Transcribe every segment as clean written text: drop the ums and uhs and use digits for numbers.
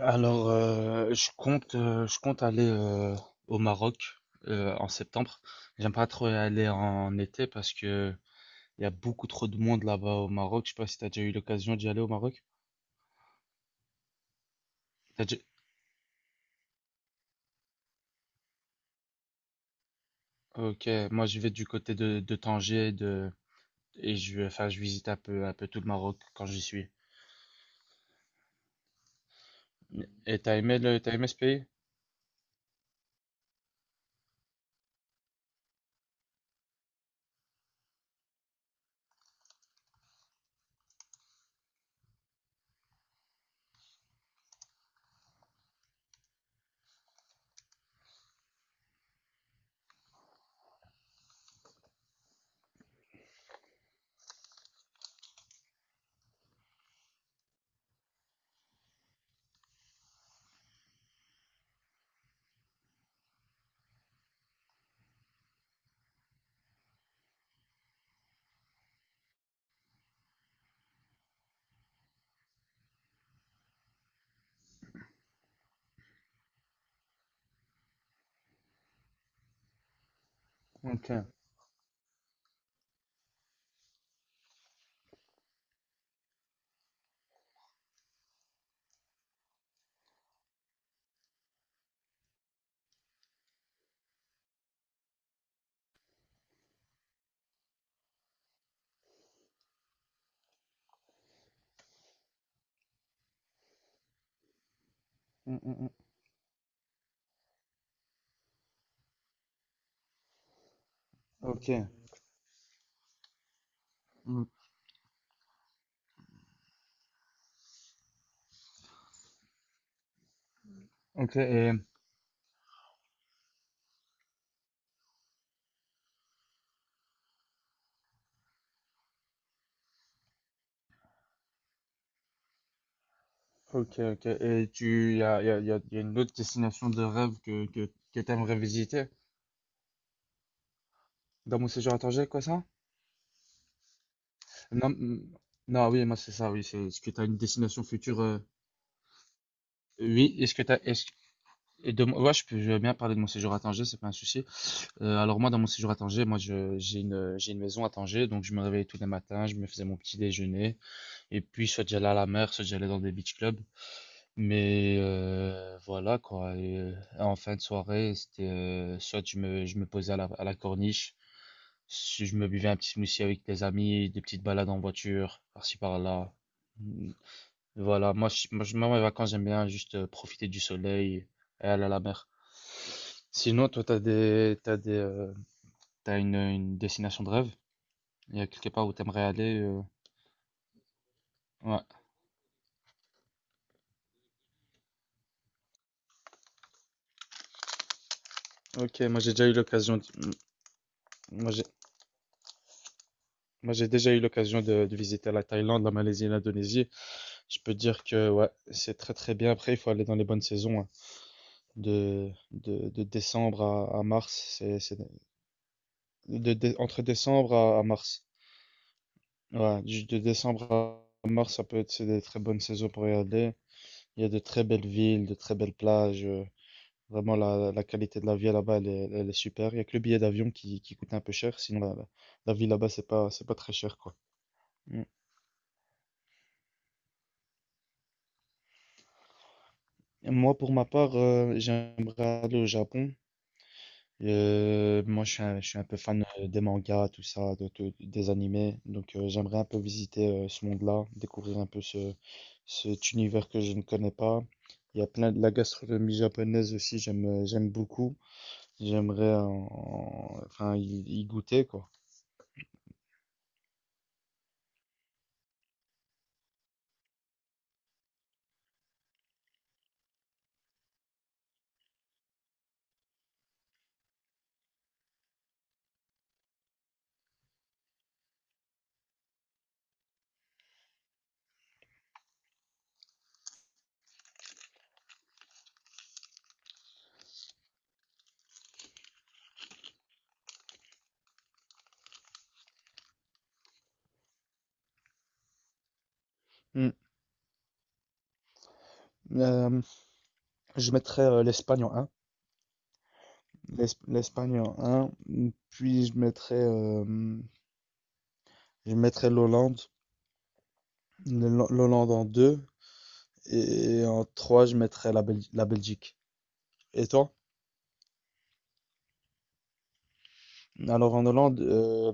Alors, je compte aller au Maroc en septembre. J'aime pas trop y aller en été parce que il y a beaucoup trop de monde là-bas au Maroc. Je sais pas si t'as déjà eu l'occasion d'y aller au Maroc. T'as déjà- Ok, moi je vais du côté de Tanger de... et je visite un peu tout le Maroc quand j'y suis. Et t'as aimé t'as aimé ce pays? Ok. Mm, mm, mm. Ok. Mm. Ok, et, ok, ok. Et tu, y a, y a- y a- y a une autre destination de rêve que t'aimerais visiter? Dans mon séjour à Tanger, quoi ça? Non, mm, non, oui, moi c'est ça, oui. C'est, est-ce que tu as une destination future? Oui, est-ce que tu as. Ouais, je peux je veux bien parler de mon séjour à Tanger, c'est pas un souci. Alors, moi, dans mon séjour à Tanger, j'ai une maison à Tanger, donc je me réveillais tous les matins, je me faisais mon petit déjeuner, et puis soit j'allais à la mer, soit j'allais dans des beach clubs. Mais voilà quoi. Et, en fin de soirée, c'était soit je me posais à la corniche, si je me buvais un petit smoothie avec des amis, des petites balades en voiture, par-ci par-là. Mm. Voilà, moi, mes vacances, j'aime bien juste profiter du soleil et aller à la mer. Sinon, toi, t'as une destination de rêve? Il y a quelque part où t'aimerais aller? Euh, ouais. Ok, Moi j'ai Moi, j'ai déjà eu l'occasion de visiter la Thaïlande, la Malaisie et l'Indonésie. Je peux dire que ouais, c'est très très bien. Après, il faut aller dans les bonnes saisons, hein. De, de décembre à mars, c'est, c'est- entre décembre à mars. Ouais, de décembre à mars, ça peut être c'est des très bonnes saisons pour y aller. Il y a de très belles villes, de très belles plages. Vraiment, la qualité de la vie là-bas, elle est super. Il y a que le billet d'avion qui coûte un peu cher. Sinon, la vie là-bas, c'est pas très cher, quoi. Moi, pour ma part, j'aimerais aller au Japon. Moi, je suis un peu fan des mangas, tout ça, des animés. Donc, j'aimerais un peu visiter ce monde-là, découvrir un peu cet univers que je ne connais pas. Il y a plein de la gastronomie japonaise aussi, j'aime beaucoup. J'aimerais y goûter, quoi. Hmm. Euh, je mettrais l'Espagne en un. L'Espagne en un. Puis, je mettrais l'Hollande. L'Hollande en deux, et en trois, je mettrais la Belgique. Et toi? Alors en Hollande,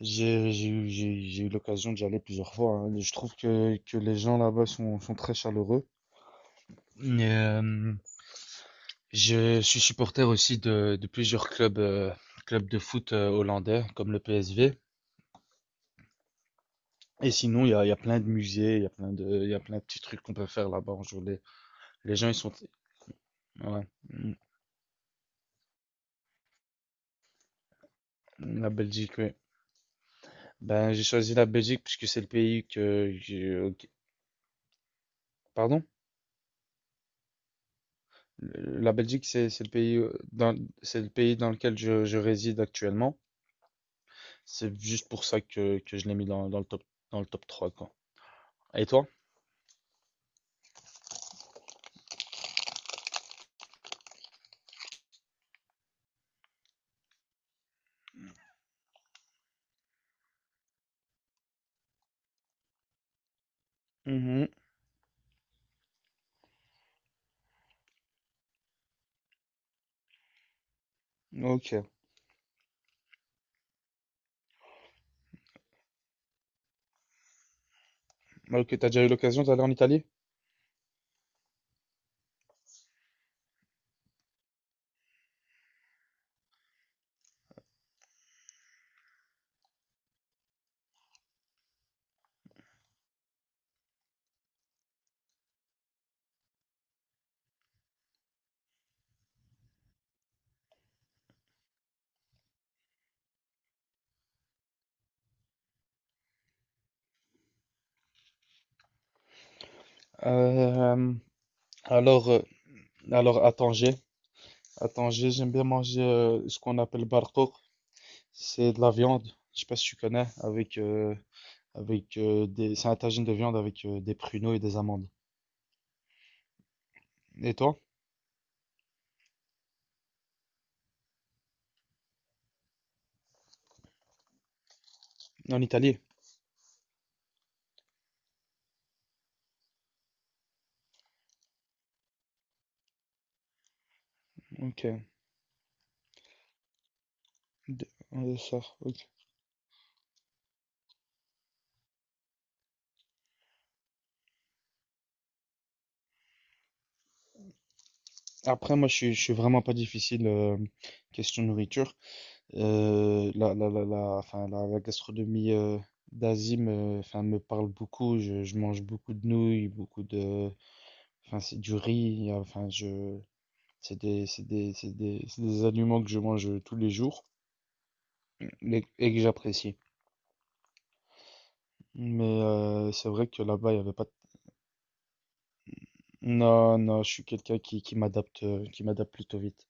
j'ai eu l'occasion d'y aller plusieurs fois, hein. Je trouve que les gens là-bas sont très chaleureux. Mais, je suis supporter aussi de plusieurs clubs, clubs de foot hollandais, comme le PSV. Et sinon, il y a plein de musées, il y a plein de petits trucs qu'on peut faire là-bas en journée. Les gens, ils sont... Ouais. Mm. La Belgique, oui. Ben, j'ai choisi la Belgique puisque c'est le pays pardon? La Belgique, c'est le pays dans c'est le pays dans lequel je réside actuellement. C'est juste pour ça que je l'ai mis dans le top 3 quoi. Et toi? Mhm. Ok. Ok, t'as déjà eu l'occasion d'aller en Italie? Euh, alors, euh, alors à Tanger, j'aime bien manger ce qu'on appelle barcoq. C'est de la viande. Je sais pas si tu connais, c'est un tagine de viande avec des pruneaux et des amandes. Et toi? En Italie? Ok. D- ouais, ça, ok. Après, je suis vraiment pas difficile question nourriture. La gastronomie d'Asie me parle beaucoup. Je mange beaucoup de nouilles, c'est du riz. Il y a- Enfin, je, c'est des aliments que je mange tous les jours et que j'apprécie. Mais c'est vrai que là-bas, il y avait pas. Non, non, je suis quelqu'un qui m'adapte plutôt vite.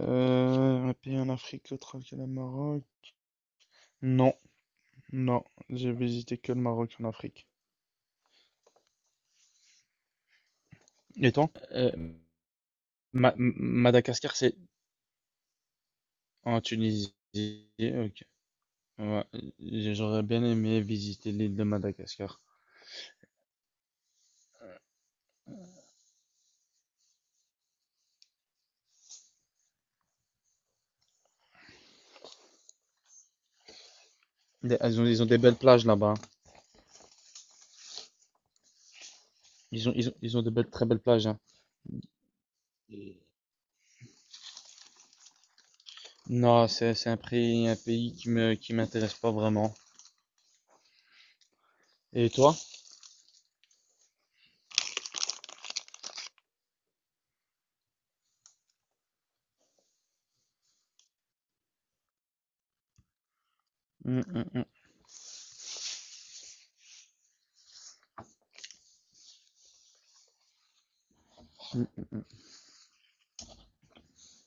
Un pays en Afrique, l'autre que le Maroc. Non, non, j'ai visité que le Maroc en Afrique. Et toi? Madagascar, c'est en Tunisie. Ok. Ouais. J'aurais bien aimé visiter l'île de Madagascar. Ah, ils ont des belles plages là-bas, hein. Ils ont de belles, très belles plages, hein. Non, c'est un pays qui m'intéresse pas vraiment. Et toi? Mm, mm, mm,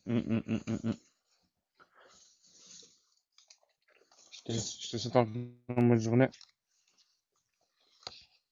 mm, mm, mm, mm, mm. Je te souhaite une bonne journée.